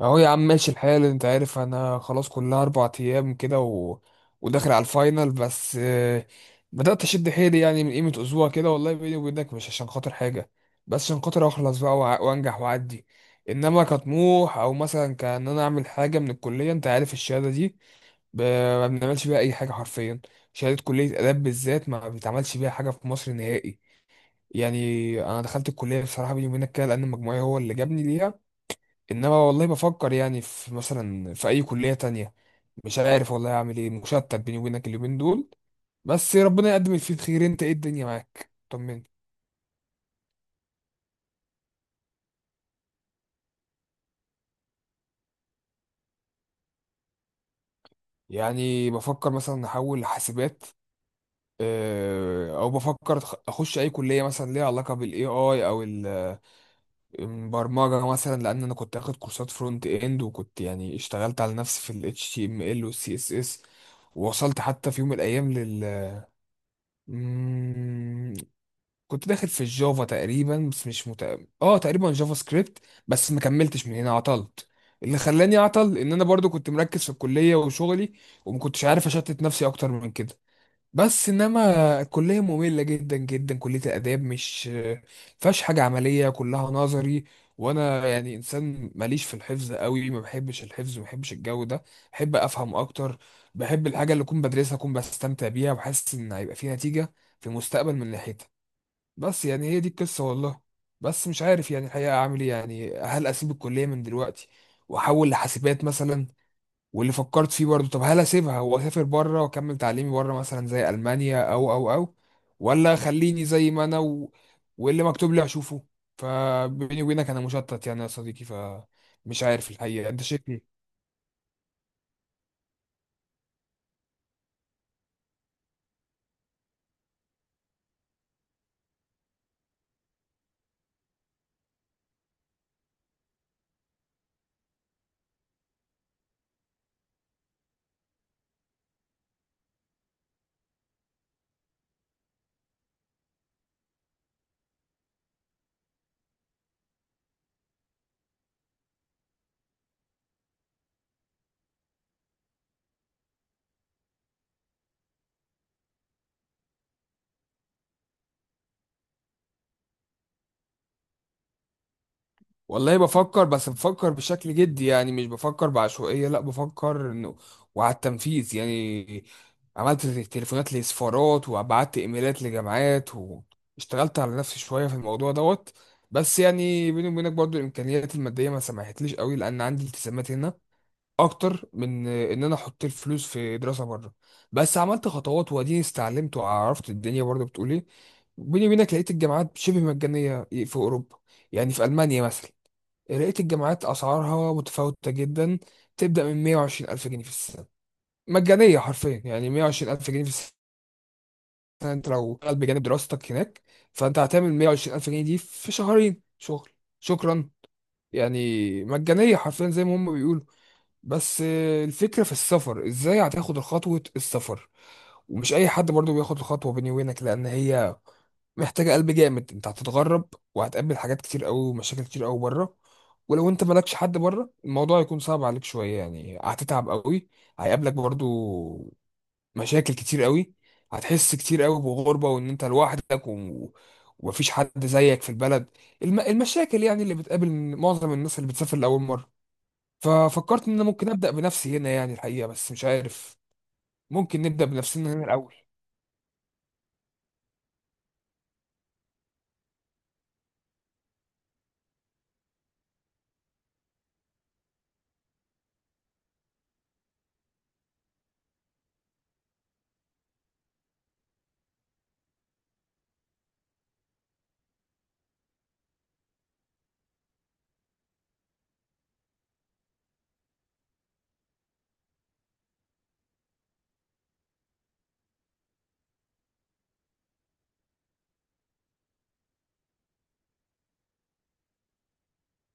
اهو يا عم ماشي الحال، انت عارف، انا خلاص كلها 4 ايام كده. وداخل على الفاينل. بس بدأت اشد حيلي، يعني من قيمة اسبوع كده. والله بيني وبينك مش عشان خاطر حاجة، بس عشان خاطر اخلص بقى وانجح واعدي. انما كطموح، او مثلا كان انا اعمل حاجة من الكلية، انت عارف الشهادة دي ما بنعملش بيها اي حاجة حرفيا. شهادة كلية آداب بالذات ما بيتعملش بيها حاجة في مصر نهائي. يعني انا دخلت الكلية بصراحة، بيني وبينك كده، لان مجموعي هو اللي جابني ليها. انما والله بفكر يعني في مثلا في اي كلية تانية. مش عارف والله اعمل ايه، مشتت بيني وبينك اليومين دول. بس ربنا يقدم اللي فيه الخير. انت ايه؟ الدنيا معاك، طمني. يعني بفكر مثلا احول حاسبات، او بفكر اخش اي كليه مثلا ليها علاقه بالاي اي، البرمجه مثلا. لان انا كنت اخد كورسات فرونت اند، وكنت يعني اشتغلت على نفسي في ال HTML وال CSS. ووصلت حتى في يوم من الايام كنت داخل في الجافا تقريبا، بس مش مت... اه تقريبا جافا سكريبت. بس ما كملتش، من هنا عطلت. اللي خلاني اعطل ان انا برضو كنت مركز في الكلية وشغلي، وما كنتش عارف اشتت نفسي اكتر من كده. بس انما الكلية مملة جدا جدا. كلية الاداب مش فيهاش حاجة عملية، كلها نظري. وانا يعني انسان ماليش في الحفظ قوي، ما بحبش الحفظ، ما بحبش الجو ده. بحب افهم اكتر. بحب الحاجة اللي اكون بدرسها اكون بستمتع بيها، وحاسس ان هيبقى في نتيجة في المستقبل من ناحيتها. بس يعني هي دي القصة والله. بس مش عارف يعني الحقيقة أعمل إيه. يعني هل أسيب الكلية من دلوقتي وأحول لحاسبات مثلا؟ واللي فكرت فيه برضه، طب هل أسيبها وأسافر بره وأكمل تعليمي بره، مثلا زي ألمانيا أو، ولا خليني زي ما أنا. واللي مكتوب لي أشوفه. فبيني وبينك أنا مشتت يعني يا صديقي، فمش عارف الحقيقة، أنت شايف إيه؟ والله بفكر، بس بفكر بشكل جدي. يعني مش بفكر بعشوائية، لا بفكر انه وعلى التنفيذ يعني. عملت تليفونات لسفارات، وبعت ايميلات لجامعات، واشتغلت على نفسي شوية في الموضوع دوت. بس يعني بيني وبينك برضو الامكانيات المادية ما سمحتليش قوي، لان عندي التزامات هنا اكتر من ان انا احط الفلوس في دراسة بره. بس عملت خطوات، واديني استعلمت وعرفت الدنيا برضو بتقول ايه. بيني وبينك لقيت الجامعات شبه مجانية في اوروبا، يعني في المانيا مثلا. لقيت الجامعات أسعارها متفاوتة جدا. تبدأ من 120 ألف جنيه في السنة. مجانية حرفيا، يعني 120 ألف جنيه في السنة، أنت لو شغال بجانب دراستك هناك، فأنت هتعمل 120 ألف جنيه دي في شهرين شغل. شكرا. يعني مجانية حرفيا زي ما هم بيقولوا. بس الفكرة في السفر، ازاي هتاخد خطوة السفر؟ ومش اي حد برضو بياخد الخطوة، بيني وبينك، لان هي محتاجة قلب جامد. انت هتتغرب، وهتقابل حاجات كتير قوي، ومشاكل كتير قوي بره. ولو انت مالكش حد بره، الموضوع هيكون صعب عليك شوية، يعني هتتعب قوي. هيقابلك برضو مشاكل كتير قوي. هتحس كتير قوي بغربة، وان انت لوحدك، ومفيش حد زيك في البلد. المشاكل يعني اللي بتقابل معظم الناس اللي بتسافر لأول مرة. ففكرت ان انا ممكن ابدا بنفسي هنا يعني الحقيقه، بس مش عارف. ممكن نبدا بنفسنا هنا الاول.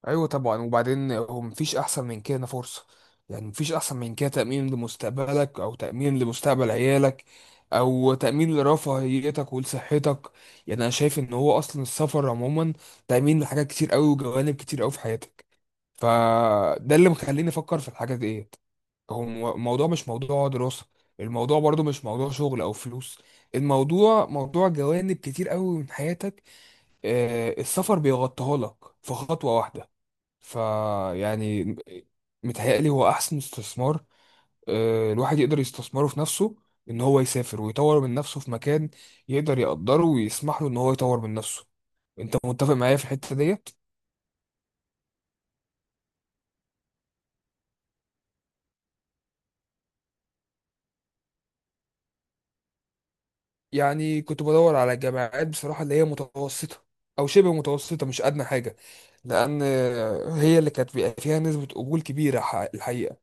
ايوه طبعا، وبعدين هو مفيش احسن من كده فرصه. يعني مفيش احسن من كده تامين لمستقبلك، او تامين لمستقبل عيالك، او تامين لرفاهيتك ولصحتك. يعني انا شايف ان هو اصلا السفر عموما تامين لحاجات كتير قوي وجوانب كتير قوي في حياتك. فده اللي مخليني افكر في الحاجات ديت. هو الموضوع مش موضوع دراسة، الموضوع برضو مش موضوع شغل أو فلوس. الموضوع موضوع جوانب كتير قوي من حياتك. السفر بيغطيها لك في خطوة واحدة. فيعني متهيألي هو أحسن استثمار الواحد يقدر يستثمره في نفسه. إن هو يسافر ويطور من نفسه في مكان يقدر يقدره ويسمح له إن هو يطور من نفسه. أنت متفق معايا في الحتة ديت؟ يعني كنت بدور على جامعات بصراحة اللي هي متوسطة، أو شبه متوسطة، مش أدنى حاجة. لأن هي اللي كانت بيبقى فيها نسبة قبول كبيرة الحقيقة.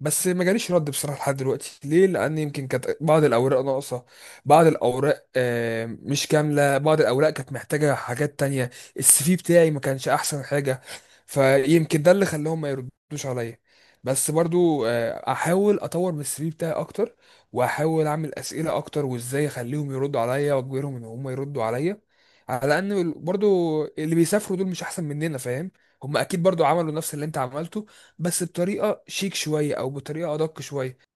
بس ما جاليش رد بصراحه لحد دلوقتي. ليه؟ لان يمكن كانت بعض الاوراق ناقصه، بعض الاوراق مش كامله، بعض الاوراق كانت محتاجه حاجات تانية. السي في بتاعي ما كانش احسن حاجه، فيمكن ده اللي خلاهم ما يردوش عليا. بس برضو احاول اطور من السي في بتاعي اكتر، واحاول اعمل اسئله اكتر، وازاي اخليهم يردوا عليا واجبرهم ان هم يردوا عليا. على ان برضو اللي بيسافروا دول مش احسن مننا، فاهم؟ هم اكيد برضو عملوا نفس اللي انت عملته، بس بطريقه شيك شويه، او بطريقه ادق شويه.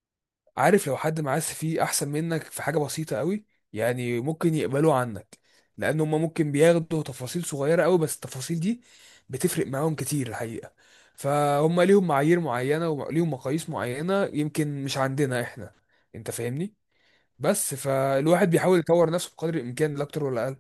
عارف، لو حد معاه فيه احسن منك في حاجه بسيطه قوي، يعني ممكن يقبلوا عنك. لان هم ممكن بياخدوا تفاصيل صغيره قوي، بس التفاصيل دي بتفرق معاهم كتير الحقيقه. فهم ليهم معايير معينه وليهم مقاييس معينه يمكن مش عندنا احنا. انت فاهمني. بس فالواحد بيحاول يطور نفسه بقدر الامكان، لا اكتر ولا اقل.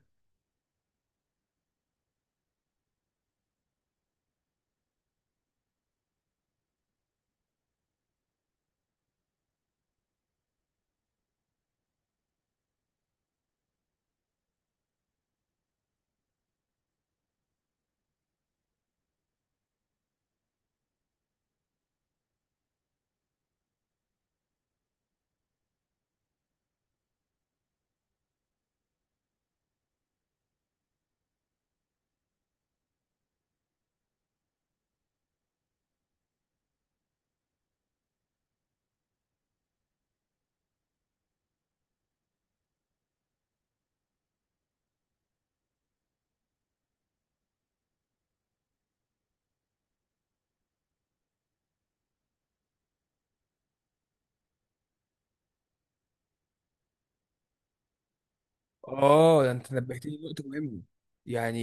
اه، ده انت نبهتني نقطه مهمه. يعني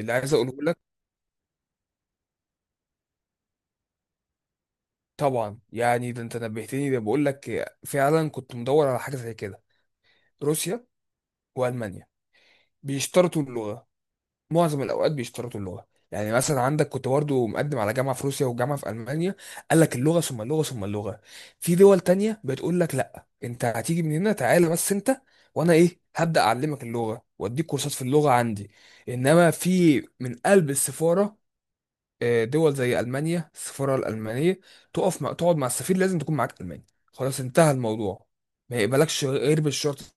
اللي عايز اقوله لك. طبعا يعني، ده انت نبهتني، ده بقول لك فعلا كنت مدور على حاجه زي كده. روسيا والمانيا بيشترطوا اللغه. معظم الاوقات بيشترطوا اللغه. يعني مثلا عندك كنت برضه مقدم على جامعه في روسيا وجامعه في المانيا، قال لك اللغه ثم اللغه ثم اللغه. في دول تانية بتقول لك، لا انت هتيجي من هنا تعالى بس انت، وانا ايه، هبدا اعلمك اللغه واديك كورسات في اللغه عندي. انما في من قلب السفاره، دول زي المانيا، السفاره الالمانيه، تقف مع تقعد مع السفير لازم تكون معاك الماني، خلاص، انتهى الموضوع، ما يقبلكش غير بالشرط.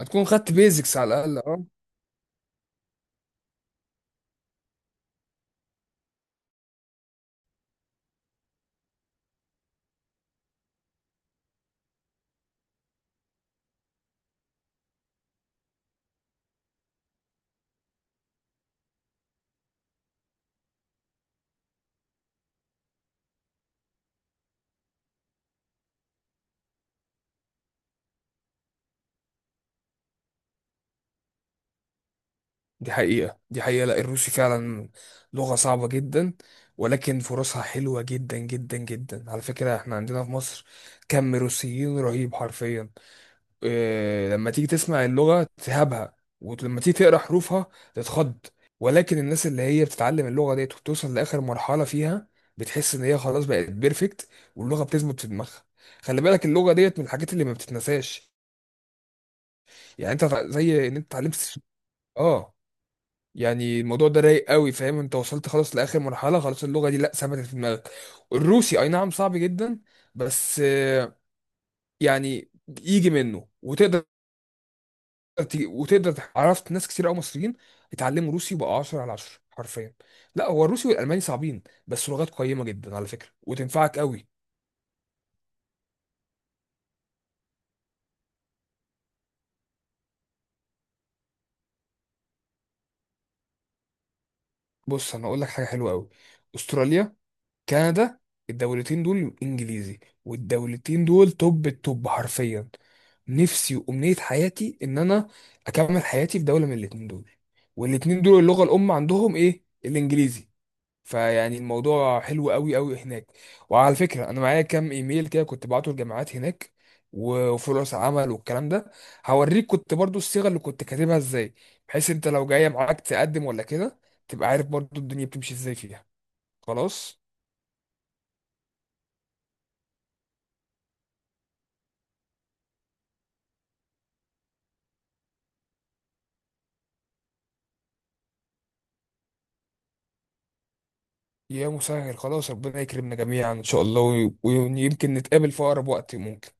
هتكون خدت بيزكس على الاقل، اه. دي حقيقه، دي حقيقه، لا الروسي فعلا لغه صعبه جدا. ولكن فرصها حلوه جدا جدا جدا، على فكره. احنا عندنا في مصر كم روسيين رهيب حرفيا. لما تيجي تسمع اللغة تهابها، ولما تيجي تقرأ حروفها تتخض. ولكن الناس اللي هي بتتعلم اللغة ديت وبتوصل لآخر مرحلة فيها، بتحس إن هي خلاص بقت بيرفكت، واللغة بتثبت في دماغها. خلي بالك اللغة ديت من الحاجات اللي ما بتتنساش. يعني أنت زي إن أنت اتعلمت. آه. يعني الموضوع ده رايق قوي، فاهم؟ أنت وصلت خلاص لآخر مرحلة، خلاص اللغة دي لأ ثبتت في دماغك. الروسي أي نعم صعب جدا، بس يعني يجي منه وتقدر عرفت ناس كتير قوي مصريين اتعلموا روسي وبقوا 10 على 10 حرفيا. لا هو الروسي والالماني صعبين، بس لغات قيمه جدا على فكره، وتنفعك قوي. بص، انا اقول لك حاجه حلوه قوي. استراليا، كندا. الدولتين دول انجليزي، والدولتين دول توب التوب حرفيا. نفسي وامنيه حياتي ان انا اكمل حياتي في دوله من الاتنين دول. والاتنين دول اللغه الام عندهم ايه؟ الانجليزي. فيعني الموضوع حلو قوي قوي هناك. وعلى فكرة، انا معايا كام ايميل كده كنت بعته لجامعات هناك وفرص عمل والكلام ده، هوريك كنت برضو الصيغة اللي كنت كاتبها ازاي، بحيث انت لو جاية معاك تقدم ولا كده، تبقى عارف برضو الدنيا بتمشي ازاي فيها. خلاص. يا مسهل، خلاص، ربنا يكرمنا جميعا ان شاء الله، ويمكن نتقابل في اقرب وقت ممكن.